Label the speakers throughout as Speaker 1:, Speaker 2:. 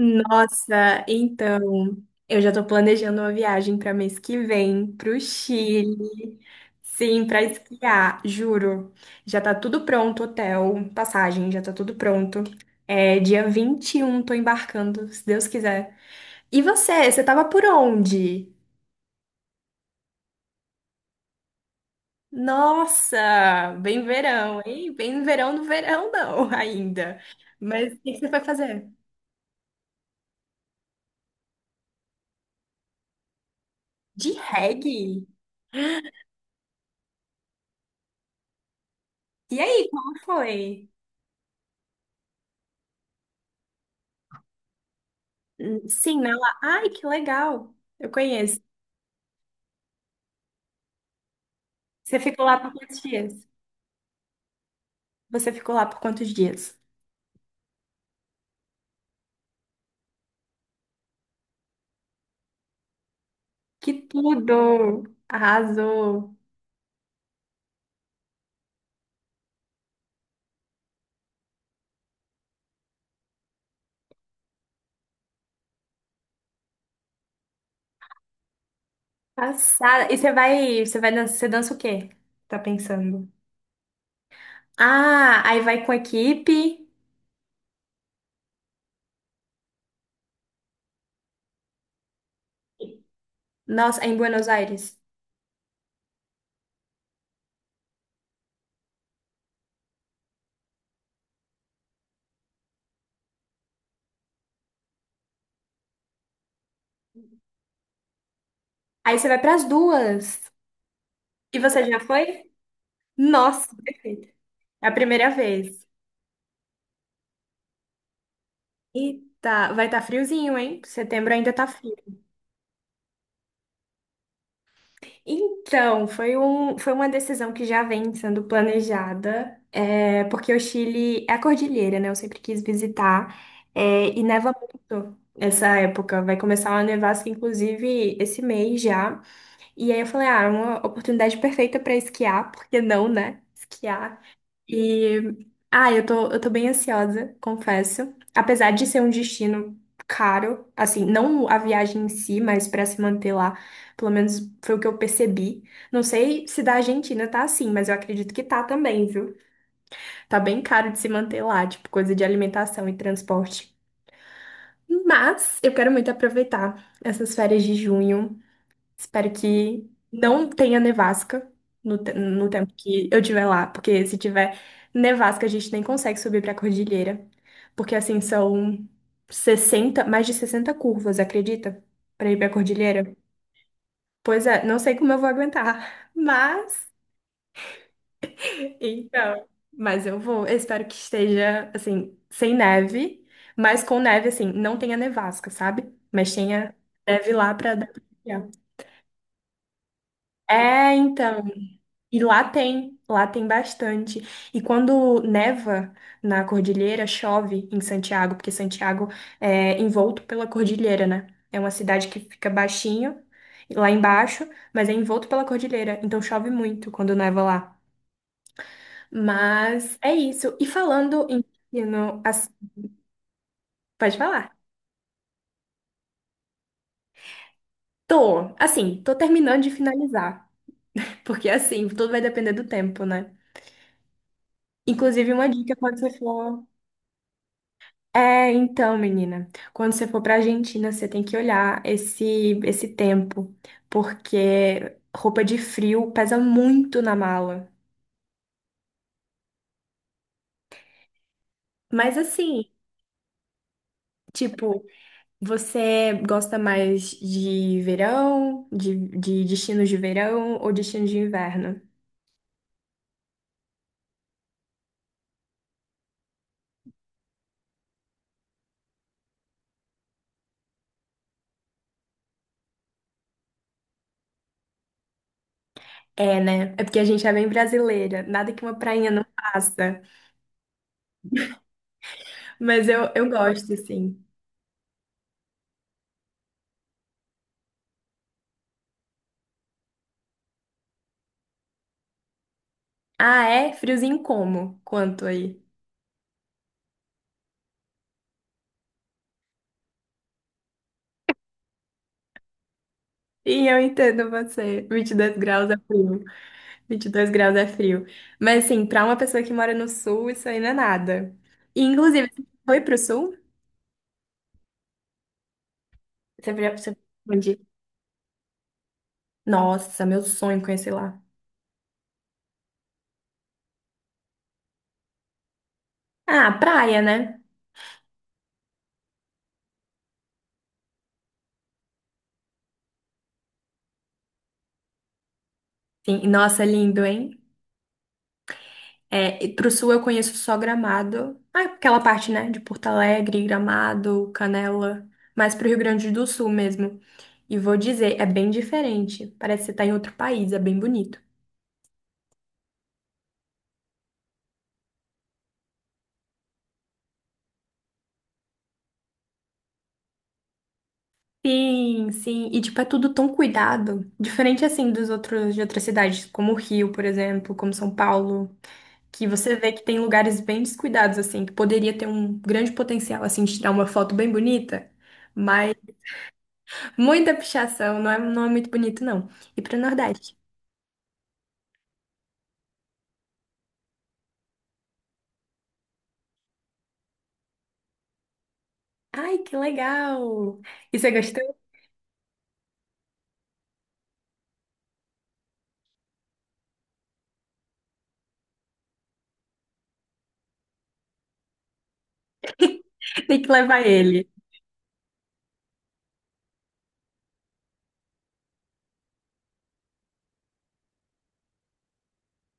Speaker 1: Nossa, então, eu já tô planejando uma viagem para mês que vem pro Chile. Sim, para esquiar, juro. Já tá tudo pronto, hotel, passagem, já tá tudo pronto. É dia 21, tô embarcando, se Deus quiser. E você tava por onde? Nossa, bem verão, hein? Bem verão no verão não, ainda. Mas o que que você vai fazer? De reggae? E aí, como foi? Sim, na lá. Ai, que legal. Eu conheço. Você ficou lá por quantos dias? Você ficou lá por quantos dias? Que tudo! Arrasou. Passada. E você vai dançar, você dança o quê? Tá pensando? Ah, aí vai com a equipe. Nossa, é em Buenos Aires. Aí você vai para as duas. E você já foi? Nossa, perfeito. É a primeira vez. Eita, vai estar friozinho, hein? Setembro ainda tá frio. Então, foi uma decisão que já vem sendo planejada, porque o Chile é a cordilheira, né? Eu sempre quis visitar, e neva muito essa época. Vai começar uma nevasca, inclusive, esse mês já. E aí eu falei, ah, é uma oportunidade perfeita para esquiar, porque não, né? Esquiar e eu tô bem ansiosa, confesso. Apesar de ser um destino caro, assim, não a viagem em si, mas pra se manter lá, pelo menos foi o que eu percebi. Não sei se da Argentina tá assim, mas eu acredito que tá também, viu? Tá bem caro de se manter lá, tipo, coisa de alimentação e transporte. Mas eu quero muito aproveitar essas férias de junho. Espero que não tenha nevasca no tempo que eu estiver lá, porque se tiver nevasca, a gente nem consegue subir para a cordilheira. Porque assim são 60 mais de 60 curvas, acredita? Para ir para a cordilheira. Pois é, não sei como eu vou aguentar, então, mas eu vou. Eu espero que esteja assim sem neve, mas com neve assim, não tenha nevasca, sabe? Mas tenha neve lá para dar pra esquiar. É, então E lá tem bastante. E quando neva na cordilheira, chove em Santiago, porque Santiago é envolto pela cordilheira, né? É uma cidade que fica baixinho, lá embaixo, mas é envolto pela cordilheira, então chove muito quando neva lá. Mas é isso. E falando em no, Pode falar. Tô, assim, tô terminando de finalizar, porque assim, tudo vai depender do tempo, né? Inclusive, uma dica quando você for. É, então, menina, quando você for pra Argentina, você tem que olhar esse tempo, porque roupa de frio pesa muito na mala. Mas assim, tipo, você gosta mais de verão, de destinos de verão ou destinos de inverno? É, né? É porque a gente é bem brasileira, nada que uma prainha não faça. Mas eu gosto, assim. Ah, é? Friozinho como? Quanto aí? Sim, eu entendo você. 22 graus é frio. 22 graus é frio. Mas, assim, pra uma pessoa que mora no sul, isso aí não é nada. E, inclusive, você foi pro sul? Você onde? Nossa, meu sonho conhecer lá. Ah, praia, né? Sim, nossa, é lindo, hein? É, e pro sul eu conheço só Gramado. Ah, aquela parte, né? De Porto Alegre, Gramado, Canela. Mas pro Rio Grande do Sul mesmo. E vou dizer, é bem diferente. Parece que você tá em outro país, é bem bonito. Sim, sim. E, tipo, é tudo tão cuidado. Diferente, assim, dos outros, de outras cidades, como o Rio, por exemplo, como São Paulo, que você vê que tem lugares bem descuidados, assim, que poderia ter um grande potencial, assim, de tirar uma foto bem bonita, mas muita pichação, não é muito bonito, não. E pro Nordeste. Ai, que legal! E você gostou? Tem que levar ele.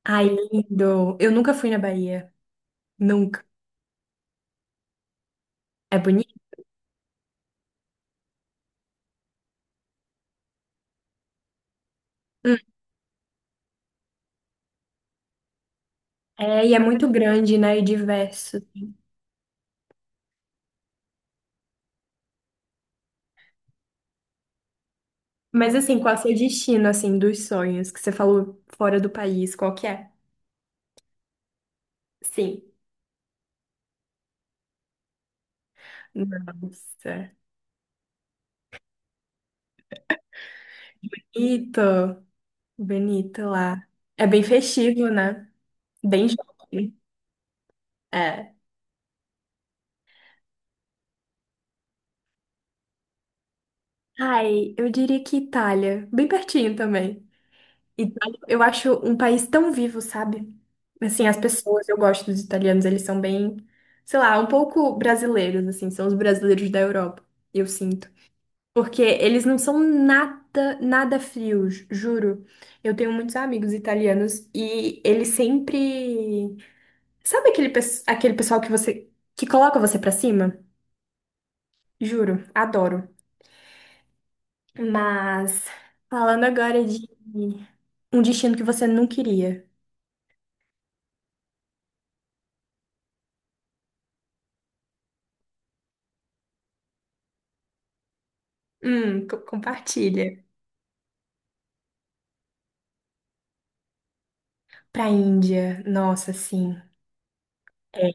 Speaker 1: Ai, lindo! Eu nunca fui na Bahia. Nunca. É bonito? Hum. É, e é muito grande, né? E diverso. Mas assim, qual é o seu destino, assim, dos sonhos que você falou fora do país? Qual que é? Sim. Nossa. Ito, bonito lá. É bem festivo, né? Bem jovem. É. Ai, eu diria que Itália. Bem pertinho também. Itália, eu acho um país tão vivo, sabe? Assim, as pessoas, eu gosto dos italianos, eles são bem, sei lá, um pouco brasileiros, assim, são os brasileiros da Europa. Eu sinto. Porque eles não são nada, nada frios, juro. Eu tenho muitos amigos italianos e eles sempre. Sabe aquele pessoal que coloca você pra cima? Juro, adoro. Mas falando agora de um destino que você não queria. Compartilha. Pra Índia, nossa, sim. É.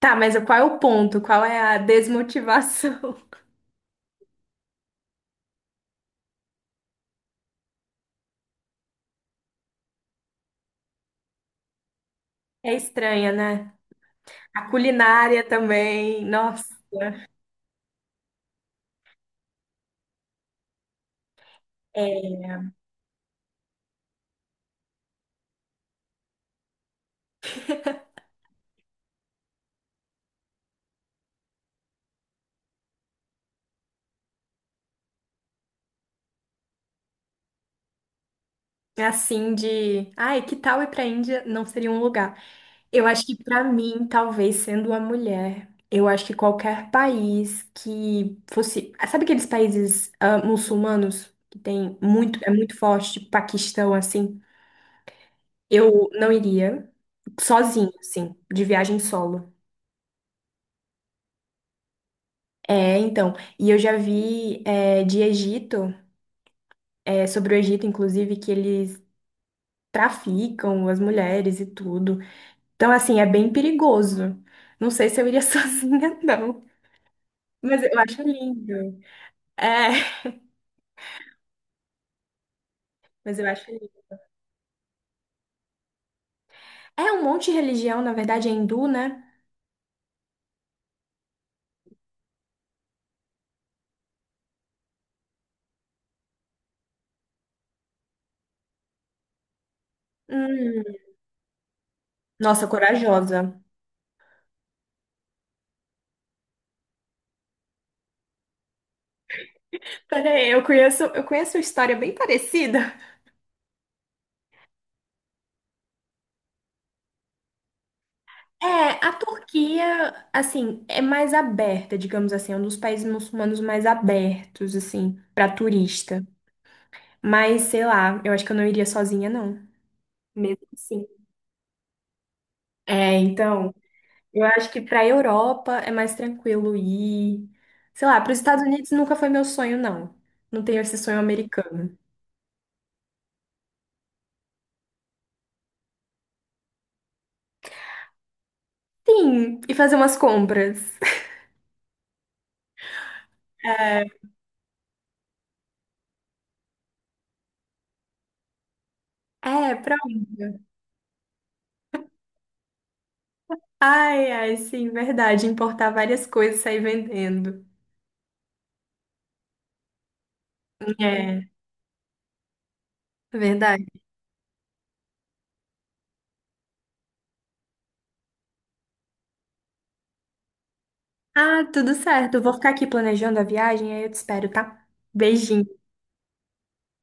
Speaker 1: Tá, mas qual é o ponto? Qual é a desmotivação? É estranha, né? A culinária também, nossa. É. É assim de, ai, que tal ir pra Índia? Não seria um lugar. Eu acho que pra mim, talvez sendo uma mulher, eu acho que qualquer país que fosse, sabe aqueles países muçulmanos que tem muito, é muito forte, tipo Paquistão assim, eu não iria sozinho, assim, de viagem solo. É, então, e eu já vi sobre o Egito, inclusive, que eles traficam as mulheres e tudo. Então, assim, é bem perigoso. Não sei se eu iria sozinha, não. Mas eu acho lindo. É, mas eu acho lindo. É um monte de religião, na verdade, é hindu, né? Hum, nossa, corajosa. Peraí, eu conheço uma história bem parecida. É, a Turquia, assim, é mais aberta, digamos assim, é um dos países muçulmanos mais abertos, assim, para turista. Mas, sei lá, eu acho que eu não iria sozinha, não. Mesmo assim. É, então. Eu acho que para a Europa é mais tranquilo ir. Sei lá, para os Estados Unidos nunca foi meu sonho, não. Não tenho esse sonho americano. Sim, e fazer umas compras. É, é, pronto. Ai, ai, sim, verdade. Importar várias coisas e sair vendendo. É, verdade. Ah, tudo certo. Eu vou ficar aqui planejando a viagem, aí eu te espero, tá? Beijinho.